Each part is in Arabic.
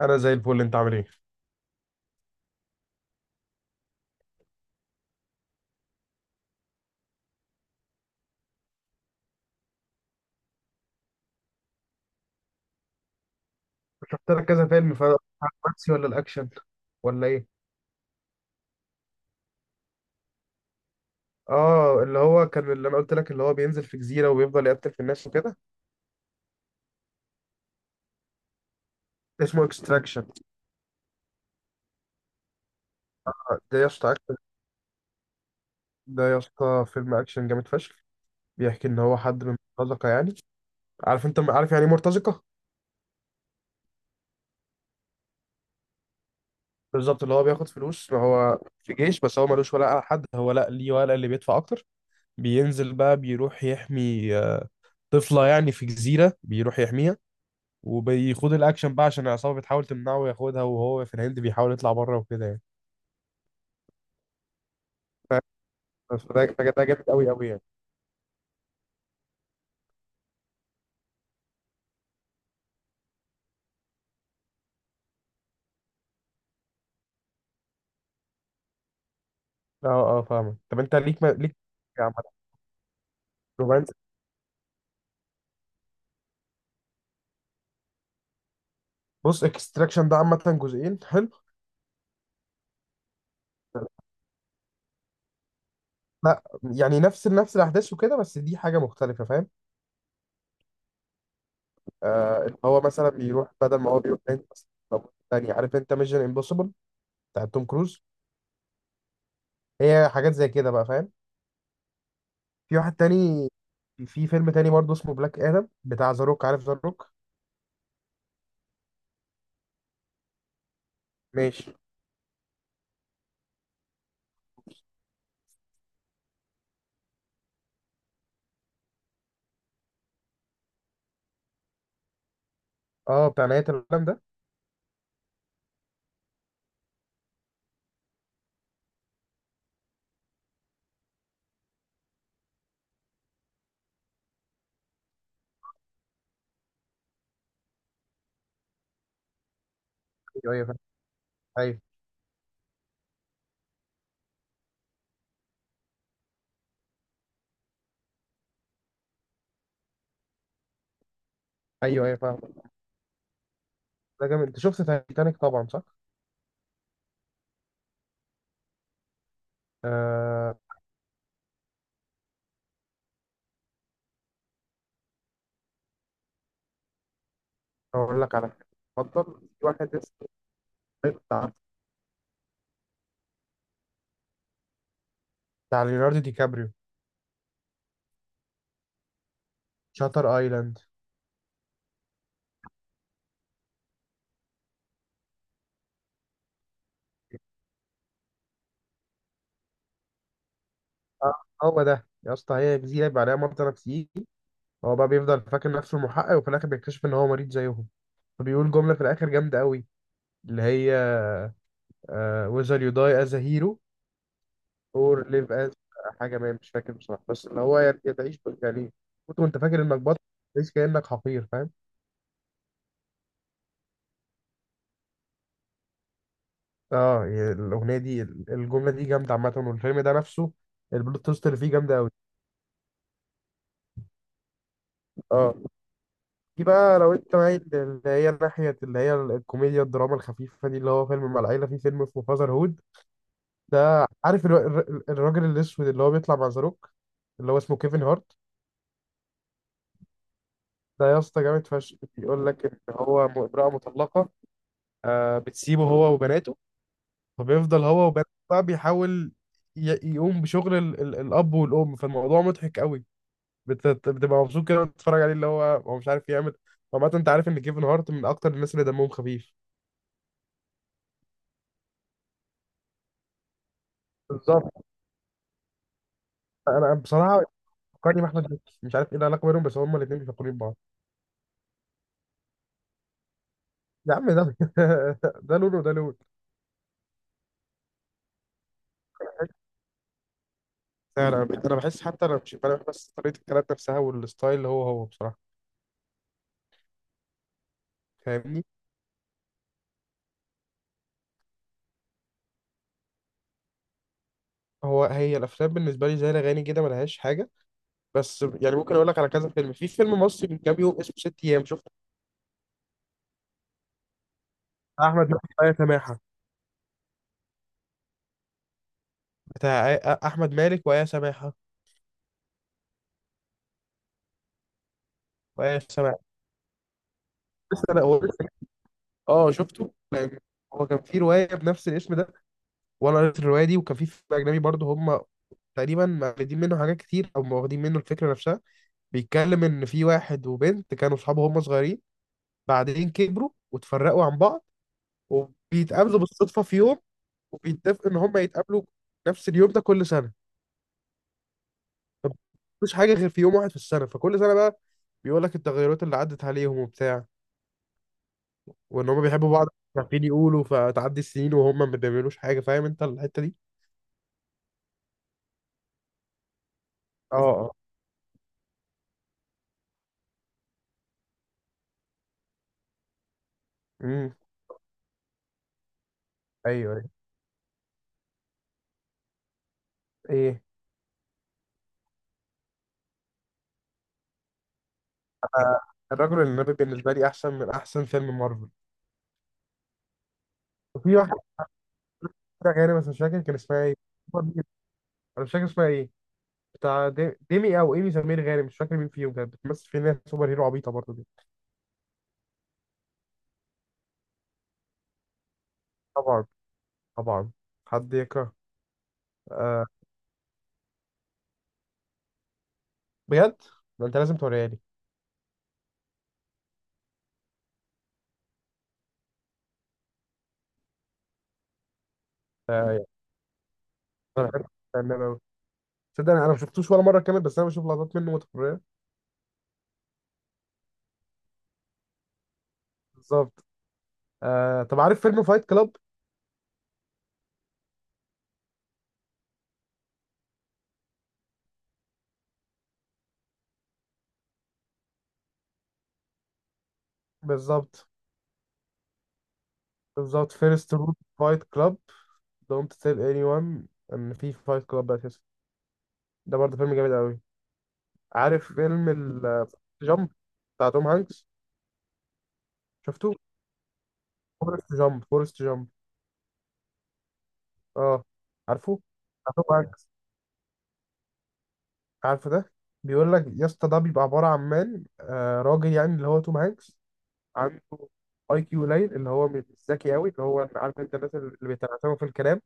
انا زي الفل، انت عامل ايه؟ شفت لك كذا فيلم، فالرومانسي ولا الاكشن ولا ايه؟ اه، اللي هو كان اللي انا قلت لك، اللي هو بينزل في جزيره وبيفضل يقتل في الناس وكده. اسمه اكستراكشن. ده يا اسطى اكشن. ده يا اسطى فيلم اكشن جامد فشخ. بيحكي ان هو حد من مرتزقه يعني. انت عارف يعني ايه مرتزقه. بالظبط، اللي هو بياخد فلوس، ما هو في جيش بس هو ملوش ولا على حد، هو لا ليه ولا اللي بيدفع اكتر. بينزل بقى بيروح يحمي طفله يعني في جزيره، بيروح يحميها، وبيخوض الاكشن بقى عشان العصابه بتحاول تمنعه وياخدها، وهو في الهند بيحاول يطلع بره وكده يعني. ف- ده جامد قوي قوي يعني. اه اه، فاهمك. طب انت ليك ما... ليك. عامة. رومانسي. بص، اكستراكشن ده عامة جزئين حلو. لا، يعني نفس نفس الاحداث وكده، بس دي حاجة مختلفة فاهم. آه، اللي هو مثلا بيروح، بدل ما هو بيروح هند مثلا، طب تاني عارف انت ميشن امبوسيبل بتاع توم كروز، هي حاجات زي كده بقى فاهم. في واحد تاني. في فيلم تاني برضه اسمه بلاك ادم بتاع ذا روك، عارف ذا روك؟ ماشي. اه، بتاع نهاية العالم ده. ايوه ايوه، فاهم. ايوه. ايوه ايوه، فاهم. ده جامد. انت شفت تايتانيك طبعا، صح؟ آه. اقول لك على حاجة. اتفضل. في واحد اسمه، بتاع بتاع ليوناردو دي كابريو. شاتر ايلاند. اه، هو ده يا اسطى، هي جزيرة يبقى عليها ممطر نفسيكي. هو بقى بيفضل فاكر نفسه المحقق، وفي الاخر بيكتشف ان هو مريض زيهم. فبيقول جملة في الاخر جامدة قوي، اللي هي، whether you die as a hero or live as، حاجة ما مش فاكر بصراحة، بس اللي هو يعني تعيش يعني، كنت وانت فاكر انك بطل، تعيش كأنك حقير فاهم. اه، الاغنيه دي، الجمله دي جامده عامه، والفيلم ده نفسه البلوت تويست اللي فيه جامده قوي. اه. دي بقى لو انت معايا اللي هي ناحيه، اللي هي الكوميديا الدراما الخفيفه دي، اللي هو فيلم مع العيله، في فيلم اسمه فازر هود. ده عارف الراجل الاسود اللي هو بيطلع مع زاروك، اللي هو اسمه كيفن هارت. ده يا اسطى جامد فشخ. بيقول لك ان هو امراه مطلقه، بتسيبه هو وبناته، فبيفضل هو وبناته بقى بيحاول يقوم بشغل الاب والام، فالموضوع مضحك قوي. بتبقى مبسوط كده وانت بتتفرج عليه، اللي هو مش عارف يعمل. عامة انت عارف ان كيفن هارت من اكتر الناس اللي دمهم خفيف. بالظبط. انا بصراحة فكرني باحمد مكي، مش عارف ايه العلاقة بينهم بس هما الاثنين بيفكرين ببعض. يا عم ده ده لون وده لون. فعلا، انا بحس، حتى انا مش انا، بس طريقة الكلام نفسها والستايل اللي هو بصراحة فاهمني. هي الافلام بالنسبة لي زي الاغاني كده، ملهاش حاجة. بس يعني ممكن اقول لك على كذا فيلم. في فيلم مصري من كام يوم اسمه ست ايام، شفته؟ بتاع احمد مالك وآية سماحة. بتاع احمد مالك وآية سماحة، وآية سماحة. لسه انا، هو لسه. اه، شفته، هو كان في روايه بنفس الاسم ده، وانا قريت الروايه دي، وكان في فيلم اجنبي برضه هم تقريبا مقلدين منه حاجات كتير، او واخدين منه الفكره نفسها. بيتكلم ان في واحد وبنت كانوا اصحاب هم صغيرين، بعدين كبروا وتفرقوا عن بعض، وبيتقابلوا بالصدفه في يوم، وبيتفقوا ان هم يتقابلوا نفس اليوم ده كل سنه. مفيش حاجه غير في يوم واحد في السنه، فكل سنه بقى بيقول لك التغيرات اللي عدت عليهم وبتاع، وان هما بيحبوا بعض مش عارفين يقولوا، فتعدي السنين وهما ما بيعملوش حاجه، فاهم انت الحته دي. اه اه. امم. ايوه ايوه. ايه. أنا، الرجل النبي بالنسبه لي احسن من احسن فيلم مارفل. وفي واحد كده غيري بس مش فاكر كان اسمها ايه. انا مش فاكر اسمها ايه. بتاع ديمي او ايمي سمير غانم، مش فاكر مين فيهم كانت بتمثل في ناس سوبر هيرو عبيطه برضه دي. طبعا. طبعا. حد يكره. آه. بجد. ده انت لازم توريها لي. آه، انا بحب النبي أوي. تصدق انا ما شفتوش ولا مره كامل، بس انا بشوف لقطات منه متكرره. بالظبط. آه، طب عارف فيلم فايت كلاب؟ بالظبط. بالظبط. فيرست رول فايت كلاب، دونت تيل اني وان، ان في فايت كلاب اساسا. ده برضه فيلم جامد قوي. عارف فيلم ال جامب بتاع توم هانكس؟ شفته؟ فورست جامب، فورست جامب. اه. عارفه؟ بتاع توم هانكس. عارفه ده. بيقول لك يا اسطى، ده بيبقى عباره عن مان، راجل يعني، اللي هو توم هانكس عنده IQ قليل، اللي هو مش ذكي قوي، اللي هو عارف انت الناس اللي بيتعتموا في الكلام.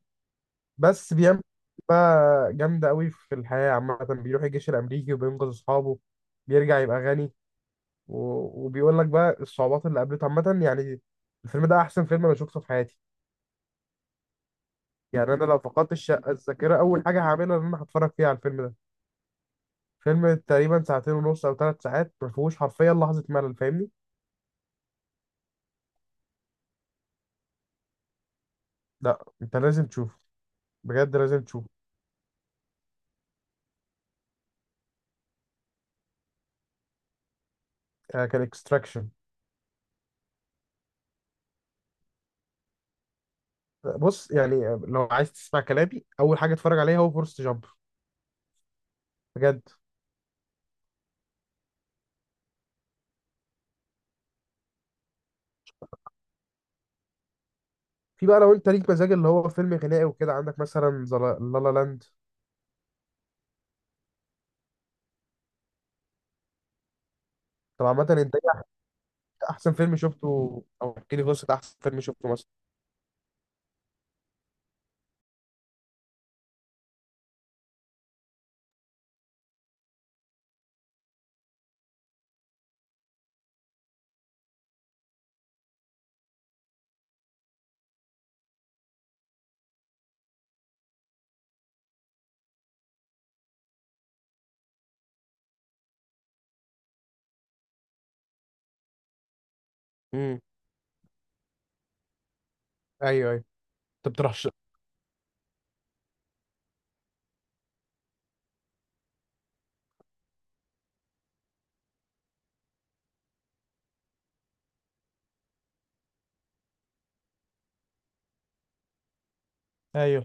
بس بيعمل بقى جامدة قوي في الحياة، عامة بيروح الجيش الأمريكي وبينقذ أصحابه، بيرجع يبقى غني. و... وبيقول لك بقى الصعوبات اللي قابلته عامة يعني. الفيلم ده أحسن فيلم أنا شفته في حياتي. يعني أنا لو فقدت الشقة الذاكرة، أول حاجة هعملها إن أنا هتفرج فيها على الفيلم ده. فيلم تقريبا ساعتين ونص أو 3 ساعات، ما فيهوش حرفيا لحظة ملل، فاهمني؟ لا، أنت لازم تشوفه، بجد لازم تشوفه. آه، كان اكستراكشن. بص، يعني آه، لو عايز تسمع كلامي، أول حاجة اتفرج عليها هو فورست جامب. بجد. في بقى لو انت ليك مزاج اللي هو فيلم غنائي وكده، عندك مثلا لا لا لاند. طب عامة انت، ايه احسن فيلم شفته؟ او احكي لي قصة احسن فيلم شفته مثلا. امم. ايوه ايوه. انت بترشح. ايوه.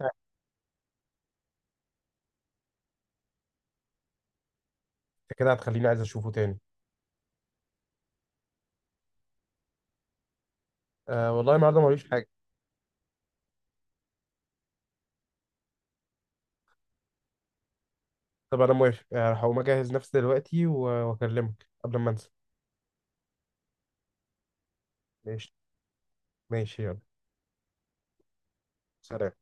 آه، انت كده هتخليني عايز اشوفه تاني. آه والله، النهارده ماليش حاجة. طب انا موافق، آه، هقوم اجهز نفسي دلوقتي واكلمك قبل ما انسى. ماشي. ماشي يلا. سلام.